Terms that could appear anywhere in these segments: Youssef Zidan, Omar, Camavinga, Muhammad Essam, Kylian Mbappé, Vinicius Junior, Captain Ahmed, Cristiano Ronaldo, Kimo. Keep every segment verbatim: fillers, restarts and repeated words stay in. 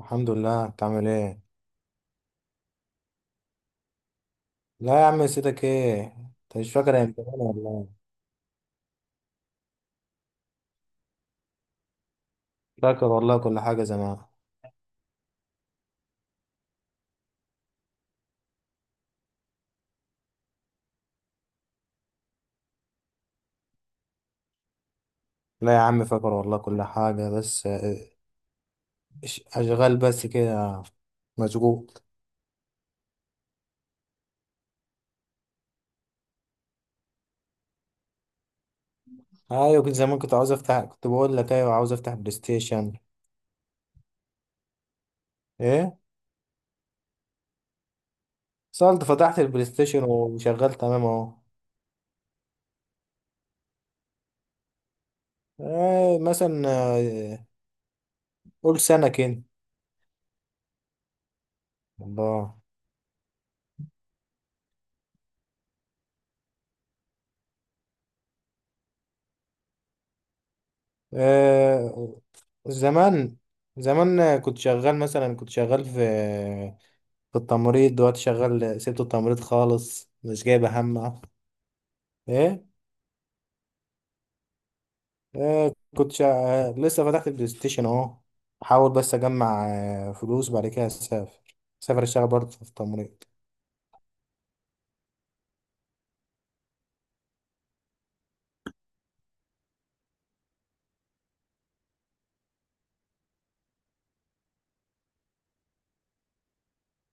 الحمد لله. انت عامل ايه؟ لا يا عم سيدك. ايه انت مش فاكر يا امتحان؟ والله فاكر والله كل حاجه زمان. لا يا عم، فاكر والله كل حاجه، بس اه، اش- اشغال بس كده، مشغول. ايوه كنت زمان، كنت عاوز افتح، كنت بقول لك ايوه عاوز افتح بلاي ستيشن. ايه؟ صلت، فتحت البلاي ستيشن وشغال تمام اهو. ايه مثلا اه، قول سنه كده. الله. ايه زمان. زمان كنت شغال مثلا، كنت شغال في التمريض. دلوقتي شغال، سبت التمريض خالص مش جايبه همه. ايه؟ آه كنت شا... لسه فتحت البلاي ستيشن اهو. احاول بس اجمع آه، فلوس، بعد كده اسافر، اسافر اشتغل برضه في التمريض.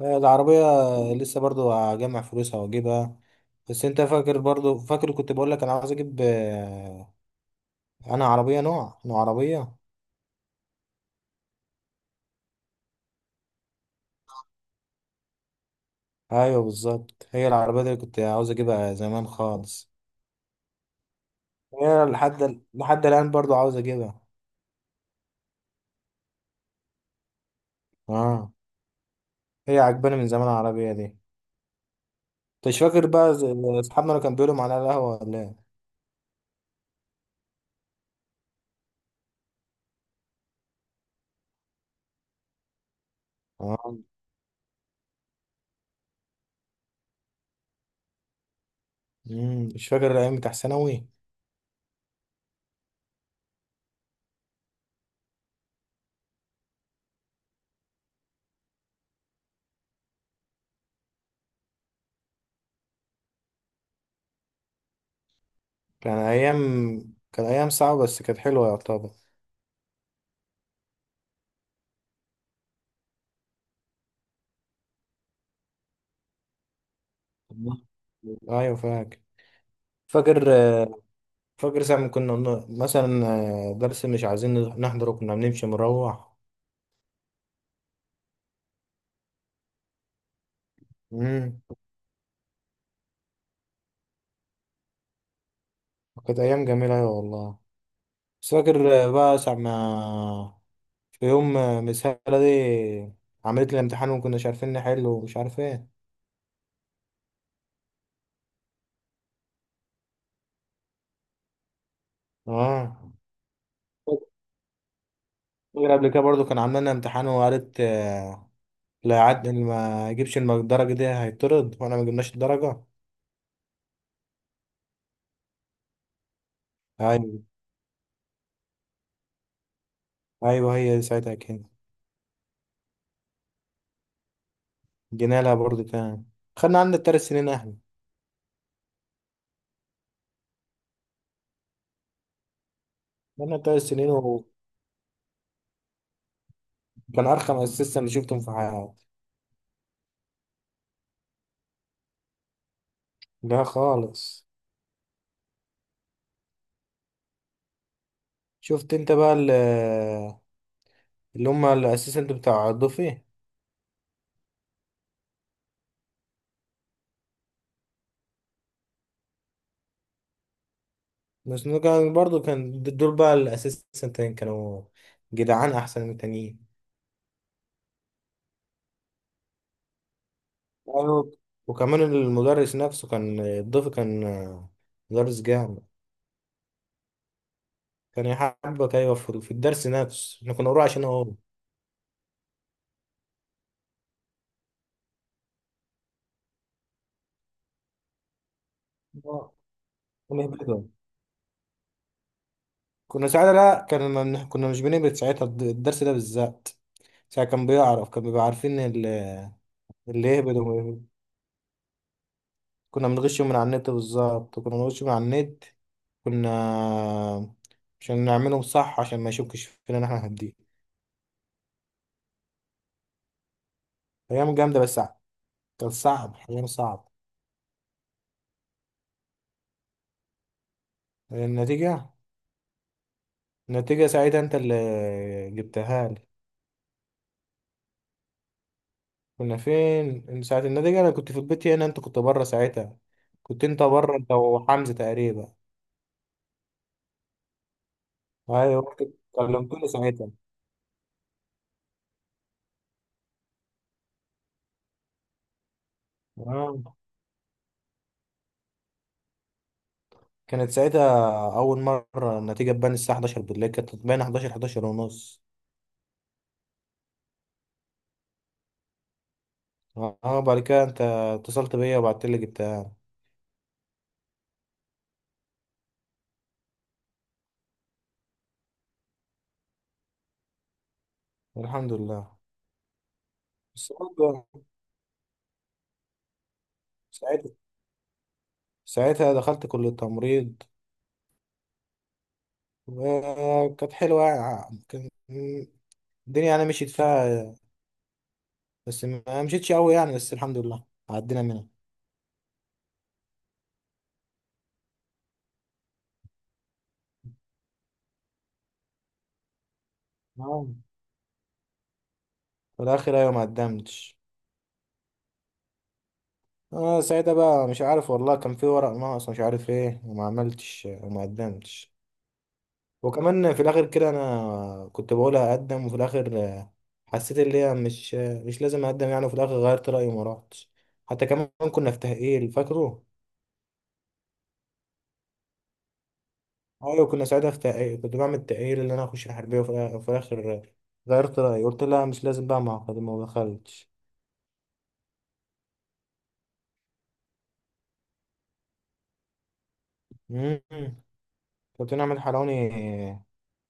آه العربية. لسه برضه هجمع فلوسها واجيبها. بس انت فاكر؟ برضه فاكر كنت بقول لك انا عاوز اجيب آه، انا عربية نوع نوع عربية. ايوه بالظبط، هي العربية دي اللي كنت عاوز اجيبها زمان خالص. هي لحد لحد الان برضه عاوز اجيبها. اه، هي عجباني من زمان العربية دي. انت مش فاكر بقى ز- اصحابنا اللي كانوا بيقولوا معانا على القهوة ولا ايه؟ اه، أمم، مش فاكر الأيام بتاع ثانوي. كان أيام كان أيام صعبة بس كانت حلوة يعتبر. الله. أيوة فاكر فاكر فاكر ساعة ما كنا بن- مثلا آه، درس مش عايزين نحضره كنا بنمشي مروح. امم. كانت أيام جميلة أيوة والله. بس فاكر آه، بقى ساعة ما، في يوم آه، مس هالة دي عملت لي امتحان وما كناش عارفين نحله ومش عارف ايه. اه فاكر. قبل كده برضو كان عاملنا امتحان وقالت آه، لا يعد اللي ما يجيبش الم- الدرجة دي هيطرد، وانا ما جبناش الدرجة. ايوه ايوه، هي دي ساعتها كده. جينا لها برضو تاني. خدنا عندنا التلات سنين احنا. خدنا التلات سنين، وكان ارخم اسيستنت اللي شفتهم في حياتي. لا خالص. شفت انت بقى ال- اللي هم الاسيستنت بتاع الضفي. بس إنه كان برضو كان دول بقى الاسيستنتين كانوا جدعان احسن من التانيين. أيوة. وكمان المدرس نفسه كان الضيف، كان مدرس جامد. كان يحبك، ايوه، في في الدرس نفسه احنا كنا بنروح عشان هو. آه. ونهبطه. كنا ساعتها، لا، كنا كنا مش بنهبط ساعتها الد- الدرس ده بالذات. ساعتها كان بيعرف، كان بيبقى عارفين ال- اللي يهبط وما- كنا بنغش من على النت. بالظبط كنا بنغش من على النت، كنا عشان نعملهم صح، عشان ما يشكش فينا ان احنا هنديه. ايام جامده بس صعب. كان صعب، ايام صعب. النتيجه. النتيجة ساعتها انت اللي جبتها لي. كنا فين ساعة النتيجة؟ انا كنت في البيت هنا، انت كنت بره ساعتها، كنت انت بره انت وحمزة تقريبا. ايوه كنت كلمتني ساعتها. اه كانت ساعتها اول مرة النتيجة تبان الساعة حداشر بالليل، كانت تبان حداشر حداشر ونص. اه بعد كده انت اتصلت بيا وبعت لي جبتها. الحمد لله. بس برضه ساعتها ساعتها دخلت كلية التمريض. وكانت حلوة يعني. كان- الدنيا يعني مشيت فيها، بس ما مشيتش قوي يعني، بس الحمد لله عدينا منها. اه في الاخر ايوه ما قدمتش. اه ساعتها بقى مش عارف والله، كان في ورق ناقص مش عارف ايه، وما عملتش وما قدمتش. وكمان في الاخر كده انا كنت بقول هقدم، وفي الاخر آه، حسيت اللي هي مش آه، مش لازم اقدم يعني، وفي الاخر غيرت رايي وما رحتش. حتى كمان كنا في تاهيل فاكره. ايوه كنا ساعتها في تاهيل، كنت بعمل تاهيل ان انا اخش الحربيه، وفي الآ- وفي الاخر آه، غيرت رايي قلت لا مش لازم بقى، ما ما دخلتش. مم. كابتن أحمد حرامي.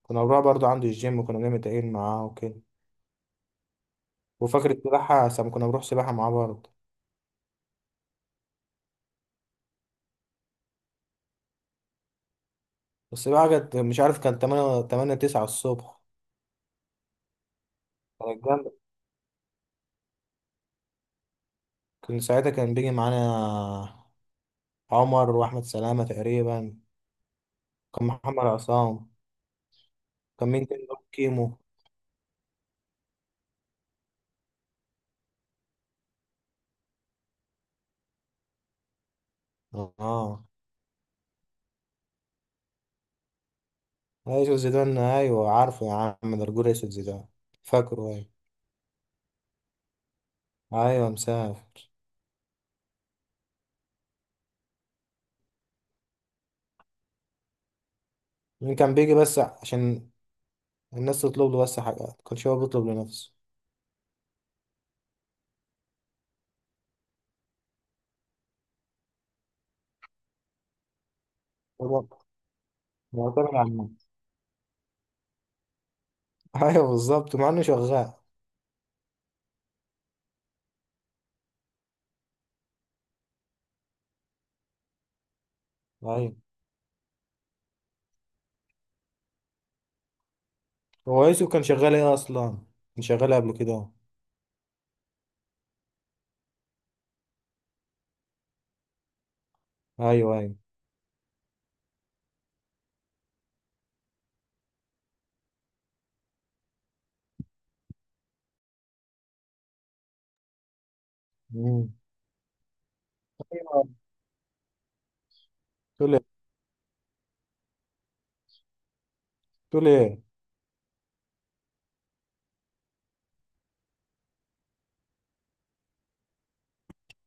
كنا بنروح برضه عنده الجيم، وكنا بنعمل تمرين معاه وكده. وفاكر السباحة ساعة ما كنا بنروح سباحة معاه برضه. السباحة كانت مش عارف، كان تمانية، تمانية تسعة الصبح. كانت جامدة. كان ساعتها كان بيجي معانا عمر وأحمد سلامة تقريبا. كان محمد عصام. كان مين تاني برضه؟ كيمو. اه. أيوة يوسف زيدان، أيوه عارفه يا عم، ده رجول أسود زيدان. فاكره أيوه. أيوه مسافر. مين كان بيجي بس عشان الناس تطلب له بس حاجات؟ كان هو بيطلب لنفسه، معتمد على النفس. ايوه بالظبط مع انه شغال. ايوه، هو يوسف كان شغال ايه اصلا؟ كان شغال قبل كده أهو. ايوه ايوه. امم. ايوه. تقول ايه؟ تقول ايه؟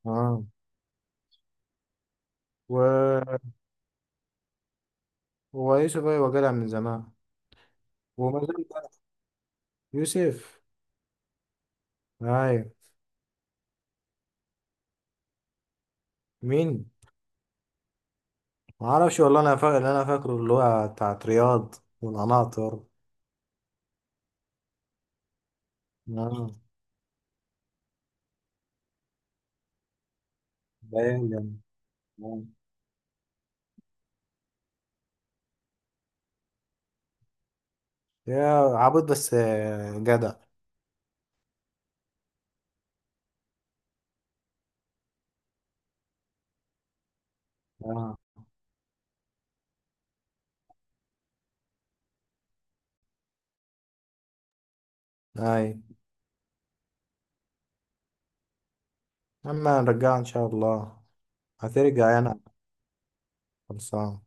اه و... هو يوسف ايوه جدع من زمان. وما زال جدع. يوسف. ايوه. مين؟ ما اعرفش والله، انا فاكر اللي انا فاكره اللي هو بتاعت رياض والقناطر. اه ده يعني. آه. يا عبود بس آه، جدع. اه. اي. اما نرجعها ان شاء الله. هترجع يعني. خلصان.